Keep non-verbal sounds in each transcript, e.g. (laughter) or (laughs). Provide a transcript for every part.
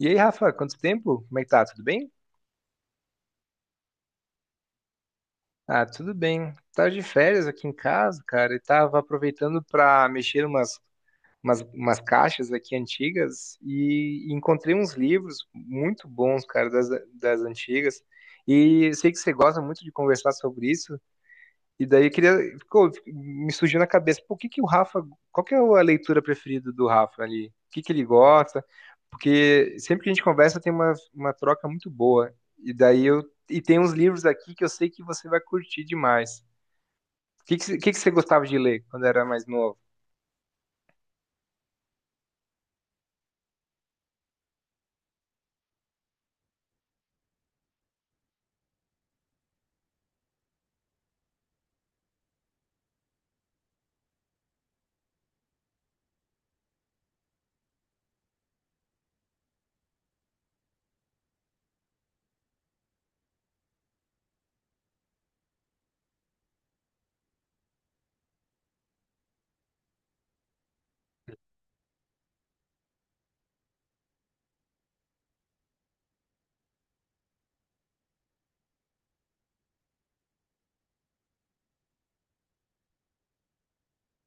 E aí, Rafa, quanto tempo? Como é que tá? Tudo bem? Ah, tudo bem. Tava de férias aqui em casa, cara, e tava aproveitando pra mexer umas, umas caixas aqui antigas e encontrei uns livros muito bons, cara, das, das antigas. E eu sei que você gosta muito de conversar sobre isso. E daí eu queria, me surgiu na cabeça, por que que o Rafa, qual que é a leitura preferida do Rafa ali? O que que ele gosta? Porque sempre que a gente conversa tem uma troca muito boa. E daí eu, e tem uns livros aqui que eu sei que você vai curtir demais. O que que, o que que você gostava de ler quando era mais novo?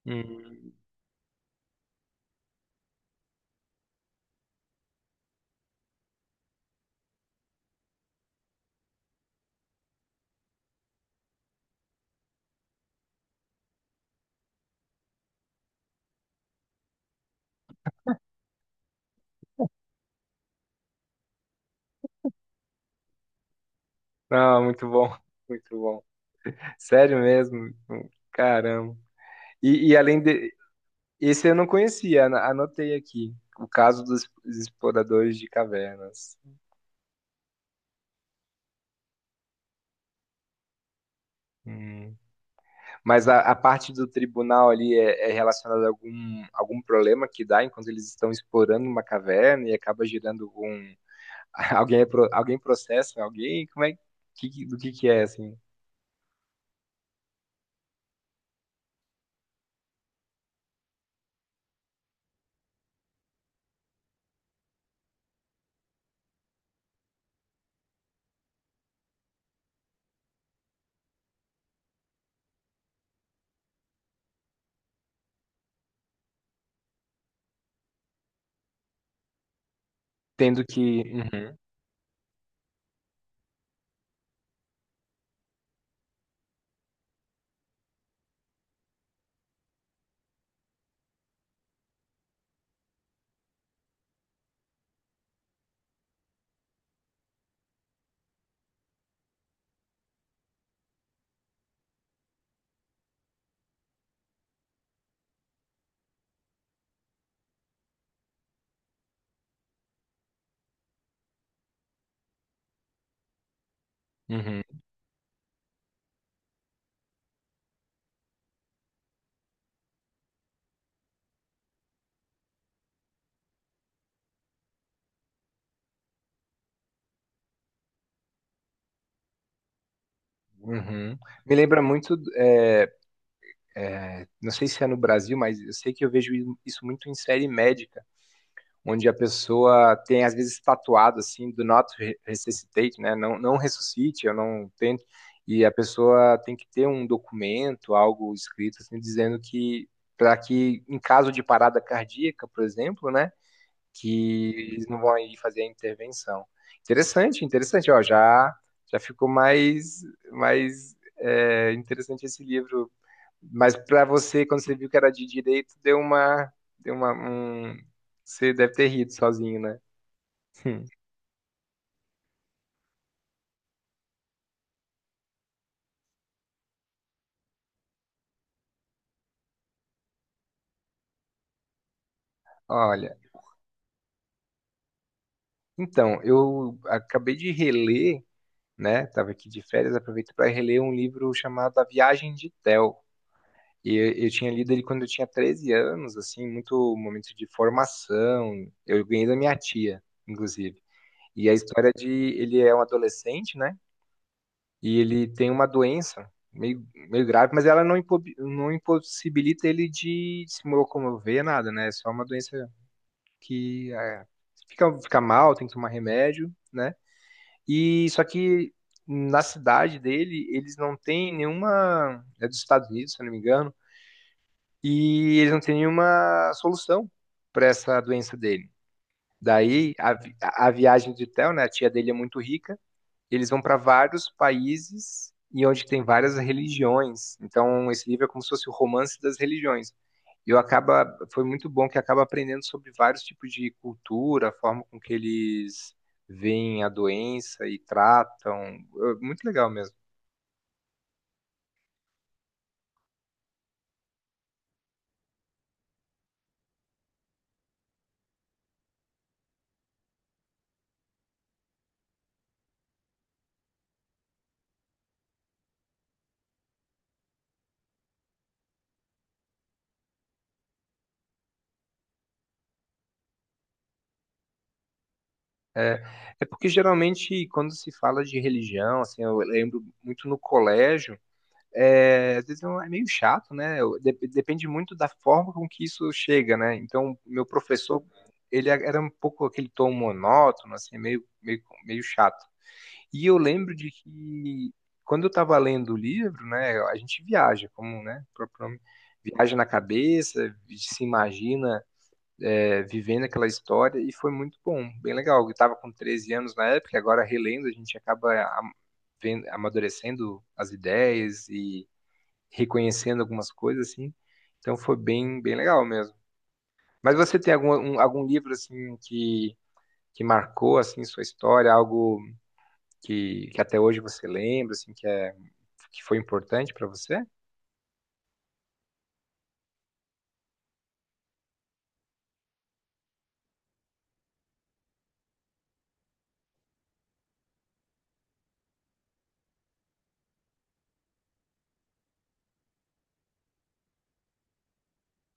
Hum. Ah, muito bom, (laughs) muito bom. Sério mesmo? Caramba. E além de, esse eu não conhecia, anotei aqui. O caso dos exploradores de cavernas. Hum. Mas a parte do tribunal ali é, é relacionada a algum, algum problema que dá enquanto eles estão explorando uma caverna e acaba gerando um. (laughs) Alguém, alguém processa alguém? Como é que, do que é, assim? Tendo que. Uhum, uhum, uhum. Me lembra muito. Não sei se é no Brasil, mas eu sei que eu vejo isso muito em série médica onde a pessoa tem às vezes tatuado assim do not resuscitate, né? Não, não ressuscite, eu não tento. E a pessoa tem que ter um documento, algo escrito assim, dizendo que para que em caso de parada cardíaca, por exemplo, né, que eles não vão aí fazer a intervenção. Interessante, interessante, ó, já já ficou mais mais interessante esse livro, mas pra você, quando você viu que era de direito, deu uma, um... Você deve ter rido sozinho, né? (laughs) Olha, então, eu acabei de reler, né? Tava aqui de férias, aproveito para reler um livro chamado A Viagem de Théo. E eu, tinha lido ele quando eu tinha 13 anos, assim, muito momento de formação. Eu ganhei da minha tia, inclusive. E a história de ele é um adolescente, né? E ele tem uma doença meio, meio grave, mas ela não, não impossibilita ele de se locomover, nada, né? É só uma doença que fica, fica mal, tem que tomar remédio, né? E só que na cidade dele, eles não têm nenhuma. É dos Estados Unidos, se eu não me engano, e eles não têm nenhuma solução para essa doença dele. Daí a, a viagem de Theo, né? A tia dele é muito rica, eles vão para vários países e onde tem várias religiões. Então, esse livro é como se fosse o romance das religiões. E eu acaba, foi muito bom que acaba aprendendo sobre vários tipos de cultura, a forma com que eles veem a doença e tratam. É, muito legal mesmo. É, porque geralmente quando se fala de religião, assim, eu lembro muito no colégio, às vezes é um, é meio chato, né? Depende muito da forma com que isso chega, né? Então, meu professor, ele era um pouco aquele tom monótono, assim, meio, meio chato. E eu lembro de que quando eu estava lendo o livro, né, a gente viaja, como, né, o próprio nome, viaja na cabeça, se imagina vivendo aquela história, e foi muito bom, bem legal. Eu estava com 13 anos na época, e agora relendo, a gente acaba am- amadurecendo as ideias e reconhecendo algumas coisas, assim. Então foi bem, bem legal mesmo. Mas você tem algum, algum livro, assim, que marcou, assim, sua história? Algo que até hoje você lembra, assim, que, que foi importante para você?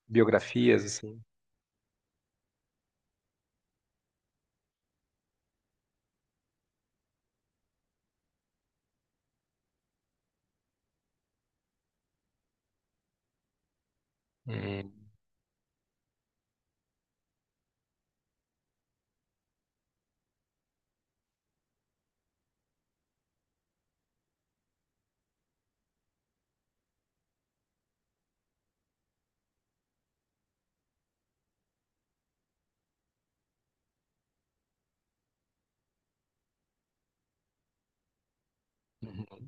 Biografias, assim? Hum. Uhum.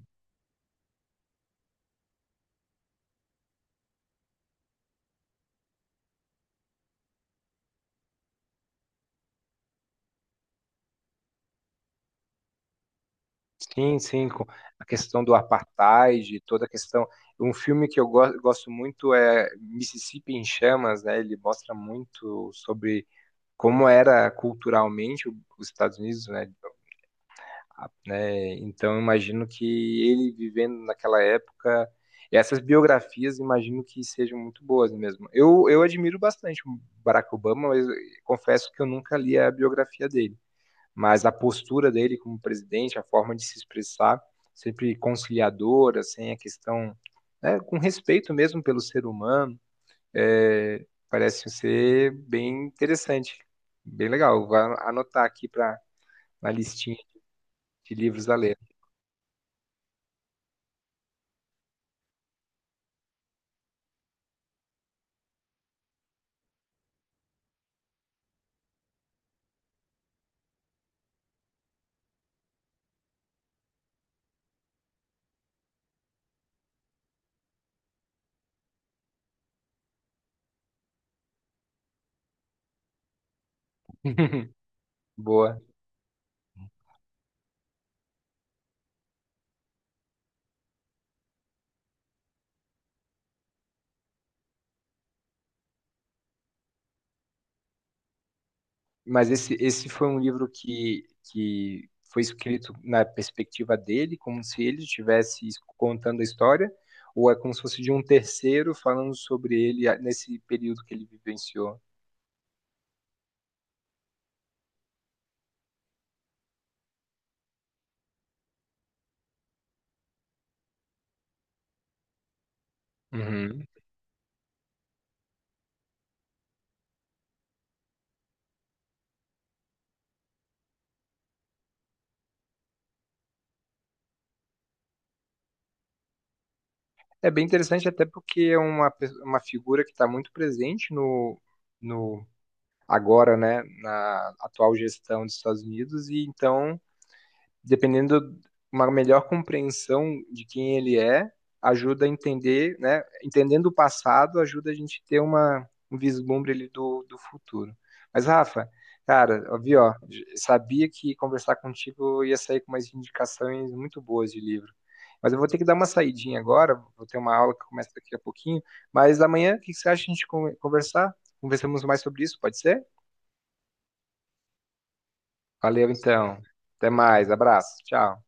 Sim, sim, com a questão do apartheid, toda a questão. Um filme que eu gosto muito é Mississippi em Chamas, né? Ele mostra muito sobre como era culturalmente os Estados Unidos, né? Né? Então, eu imagino que ele vivendo naquela época, essas biografias, imagino que sejam muito boas mesmo. Eu admiro bastante o Barack Obama, mas confesso que eu nunca li a biografia dele. Mas a postura dele como presidente, a forma de se expressar, sempre conciliadora, sem a questão, né, com respeito mesmo pelo ser humano, parece ser bem interessante, bem legal. Vou anotar aqui para na listinha de livros a ler. (laughs) Boa. Mas esse foi um livro que foi escrito na perspectiva dele, como se ele estivesse contando a história, ou é como se fosse de um terceiro falando sobre ele, ah, nesse período que ele vivenciou? Uhum. É bem interessante, até porque é uma, uma figura que está muito presente no, no agora, né, na atual gestão dos Estados Unidos, e então dependendo uma melhor compreensão de quem ele é, ajuda a entender, né? Entendendo o passado, ajuda a gente ter uma, um vislumbre ali do, do futuro. Mas, Rafa, cara, ó, vi, ó, sabia que conversar contigo eu ia sair com umas indicações muito boas de livro. Mas eu vou ter que dar uma saidinha agora, vou ter uma aula que começa daqui a pouquinho. Mas amanhã, o que que você acha de a gente conversar? Conversamos mais sobre isso, pode ser? Valeu, então. Até mais, abraço, tchau.